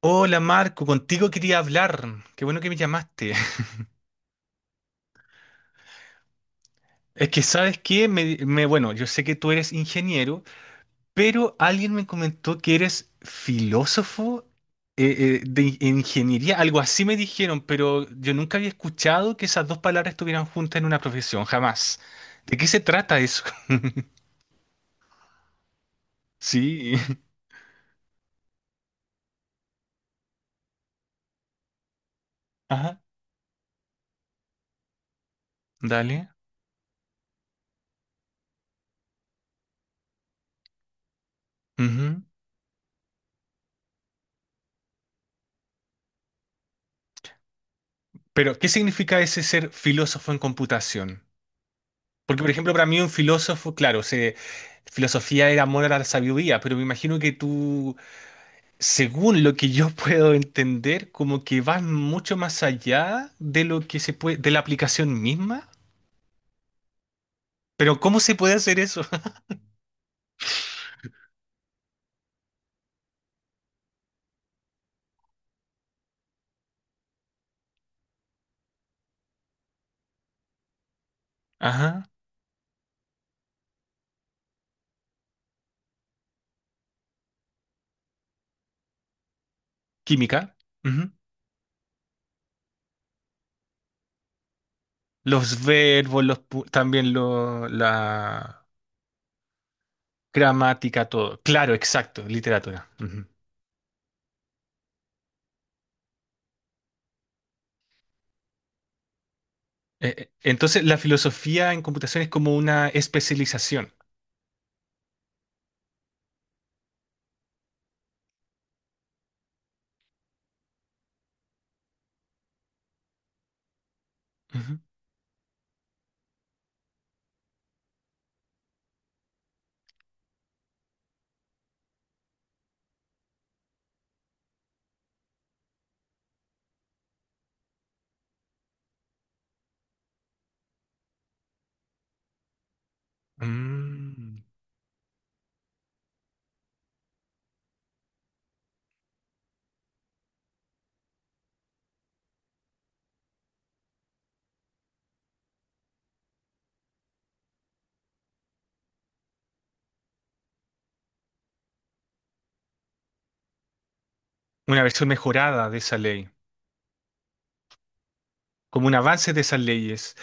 Hola Marco, contigo quería hablar. Qué bueno que me llamaste. Es que sabes qué, bueno, yo sé que tú eres ingeniero, pero alguien me comentó que eres filósofo de ingeniería, algo así me dijeron, pero yo nunca había escuchado que esas dos palabras estuvieran juntas en una profesión, jamás. ¿De qué se trata eso? Sí. Ajá, dale. Ujú. Pero ¿qué significa ese ser filósofo en computación? Porque, por ejemplo, para mí un filósofo, claro, se, filosofía era amor a la sabiduría, pero me imagino que tú, según lo que yo puedo entender, como que vas mucho más allá de lo que se puede, de la aplicación misma. Pero ¿cómo se puede hacer eso? Ajá. Química. Ujú. Los verbos, también la gramática, todo. Claro, exacto, literatura. Ujú. Entonces, la filosofía en computación es como una especialización. Ujú. Mm. Una versión mejorada de esa ley, como un avance de esas leyes.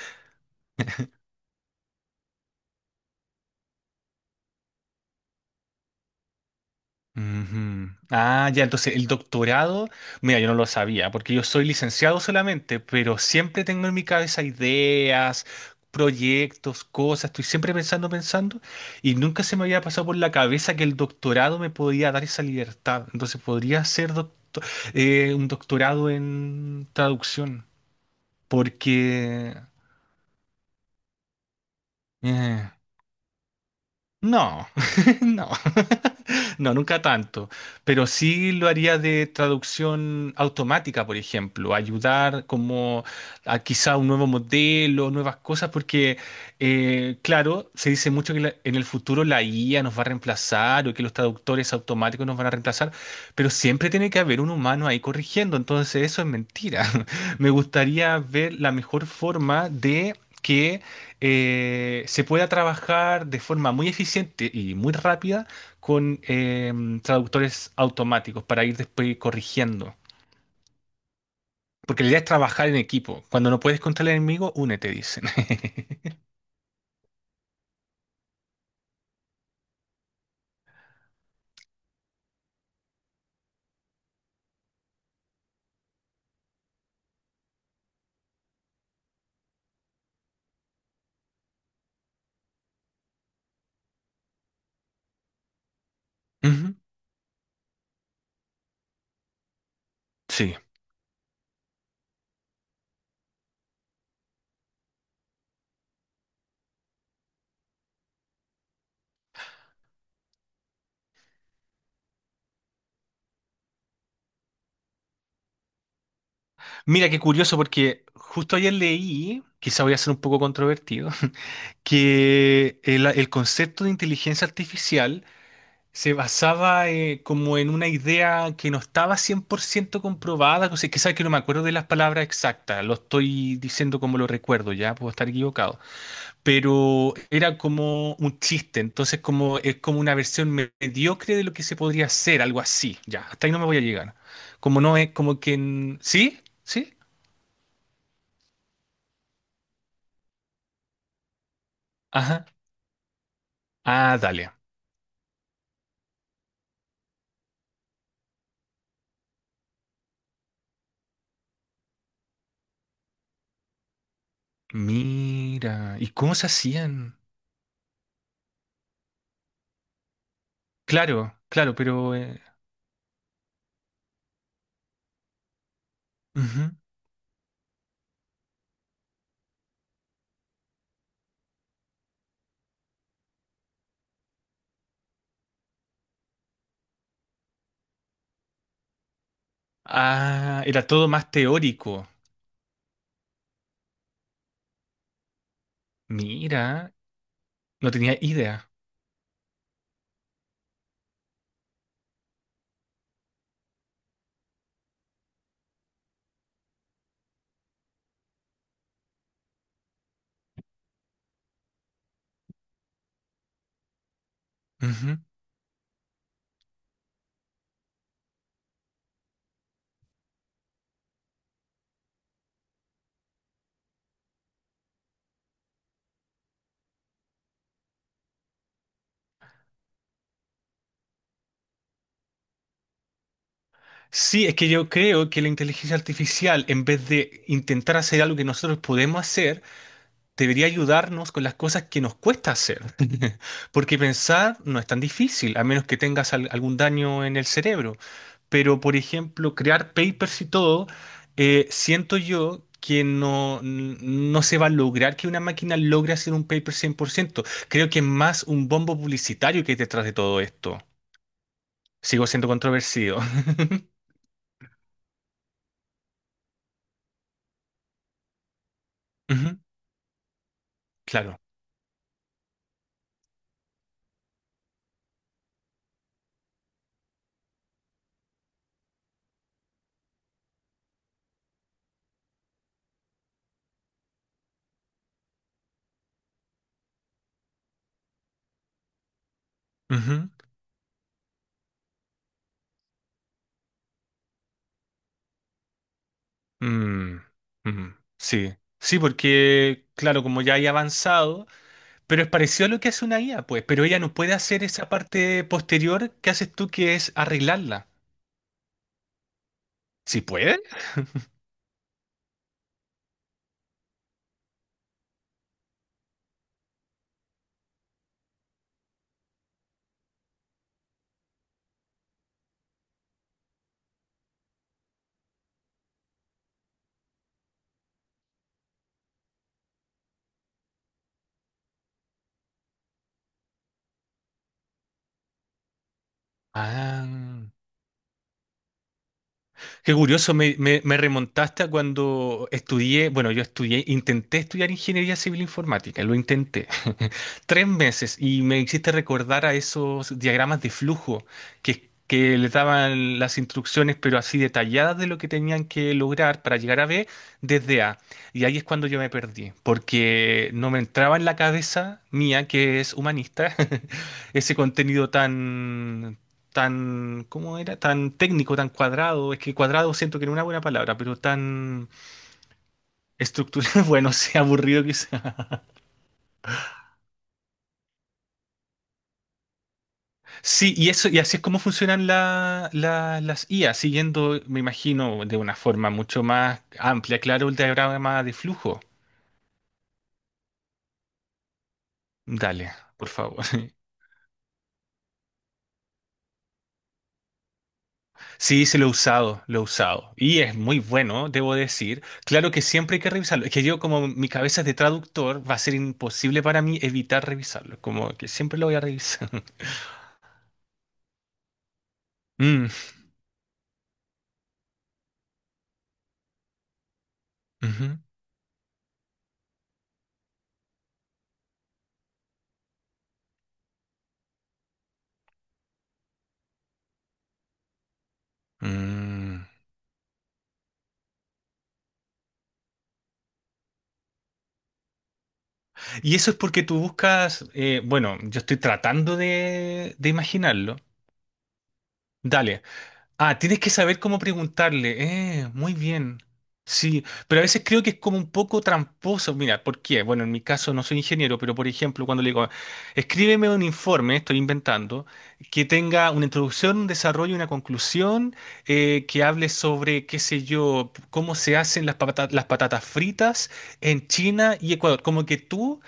Ujú. Ah, ya, entonces el doctorado, mira, yo no lo sabía, porque yo soy licenciado solamente, pero siempre tengo en mi cabeza ideas, proyectos, cosas, estoy siempre pensando, pensando, y nunca se me había pasado por la cabeza que el doctorado me podía dar esa libertad. Entonces podría hacer un doctorado en traducción, porque... eh, no, no, no, nunca tanto, pero sí lo haría de traducción automática, por ejemplo, ayudar como a quizá un nuevo modelo, nuevas cosas, porque claro, se dice mucho que en el futuro la IA nos va a reemplazar o que los traductores automáticos nos van a reemplazar, pero siempre tiene que haber un humano ahí corrigiendo, entonces eso es mentira. Me gustaría ver la mejor forma de que se pueda trabajar de forma muy eficiente y muy rápida con traductores automáticos para ir después corrigiendo. Porque la idea es trabajar en equipo. Cuando no puedes contra el enemigo, únete, dicen. Ujú. Sí. Mira, qué curioso porque justo ayer leí, quizá voy a ser un poco controvertido, que el concepto de inteligencia artificial se basaba como en una idea que no estaba 100% comprobada, o sea, quizás que no me acuerdo de las palabras exactas, lo estoy diciendo como lo recuerdo, ya puedo estar equivocado, pero era como un chiste, entonces como es como una versión mediocre de lo que se podría hacer, algo así, ya, hasta ahí no me voy a llegar. Como no es como que, ¿sí? ¿Sí? Ajá. Ah, dale. Mira, ¿y cómo se hacían? Claro, claro, pero ujú. Ah, era todo más teórico. Mira, no tenía idea. Ujú. Sí, es que yo creo que la inteligencia artificial, en vez de intentar hacer algo que nosotros podemos hacer, debería ayudarnos con las cosas que nos cuesta hacer. Porque pensar no es tan difícil, a menos que tengas algún daño en el cerebro. Pero, por ejemplo, crear papers y todo, siento yo que no, no se va a lograr que una máquina logre hacer un paper 100%. Creo que es más un bombo publicitario que hay detrás de todo esto. Sigo siendo controversido. Ujú, claro. Ujú. Mm, mm, sí. Sí, porque, claro, como ya hay avanzado, pero es parecido a lo que hace una IA, pues, pero ella no puede hacer esa parte posterior que haces tú, que es arreglarla. ¿Sí puede? Ah, qué curioso, me remontaste a cuando estudié, bueno, yo estudié, intenté estudiar ingeniería civil informática, lo intenté. 3 meses y me hiciste recordar a esos diagramas de flujo que le daban las instrucciones, pero así detalladas de lo que tenían que lograr para llegar a B desde A. Y ahí es cuando yo me perdí, porque no me entraba en la cabeza mía, que es humanista, ese contenido tan, tan, ¿cómo era? Tan técnico, tan cuadrado. Es que cuadrado siento que no es una buena palabra, pero tan estructurado, bueno, sea aburrido. Sí, y eso, y así es como funcionan las IA, siguiendo, me imagino, de una forma mucho más amplia, claro, el diagrama de flujo. Dale, por favor. Sí, sí, lo he usado, lo he usado. Y es muy bueno, debo decir. Claro que siempre hay que revisarlo. Es que yo, como mi cabeza es de traductor, va a ser imposible para mí evitar revisarlo. Como que siempre lo voy a revisar. Mm, ujú, mm. Y eso es porque tú buscas, bueno, yo estoy tratando de imaginarlo. Dale. Ah, tienes que saber cómo preguntarle. Muy bien. Sí, pero a veces creo que es como un poco tramposo. Mira, ¿por qué? Bueno, en mi caso no soy ingeniero, pero por ejemplo, cuando le digo, escríbeme un informe, estoy inventando, que tenga una introducción, un desarrollo y una conclusión, que hable sobre, qué sé yo, cómo se hacen las las patatas fritas en China y Ecuador. Como que tú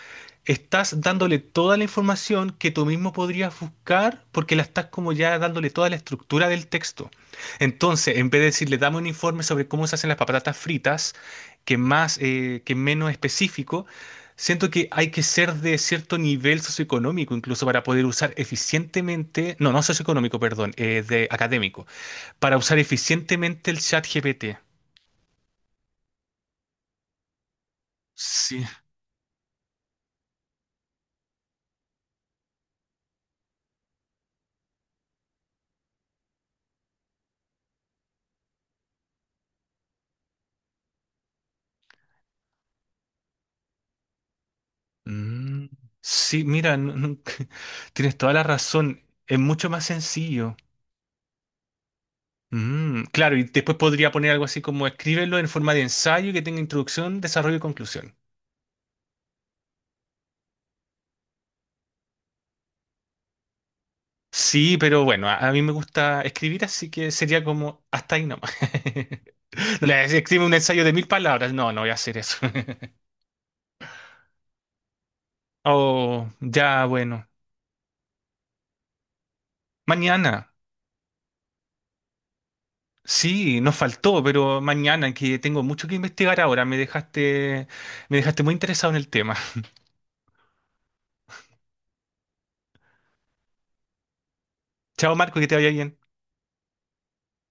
estás dándole toda la información que tú mismo podrías buscar porque la estás como ya dándole toda la estructura del texto. Entonces, en vez de decirle, dame un informe sobre cómo se hacen las patatas fritas, que más, que menos específico, siento que hay que ser de cierto nivel socioeconómico, incluso para poder usar eficientemente, no, no socioeconómico, perdón, de académico, para usar eficientemente el chat GPT. Sí. Mm, sí, mira, tienes toda la razón. Es mucho más sencillo. Mm, claro, y después podría poner algo así como escríbelo en forma de ensayo que tenga introducción, desarrollo y conclusión. Sí, pero bueno, a mí me gusta escribir, así que sería como hasta ahí nomás. No le voy a decir, escribe un ensayo de 1.000 palabras. No, no voy a hacer eso. Oh, ya, bueno. Mañana. Sí, nos faltó, pero mañana que tengo mucho que investigar ahora. Me dejaste muy interesado en el tema. Chao, Marco, que te vaya bien.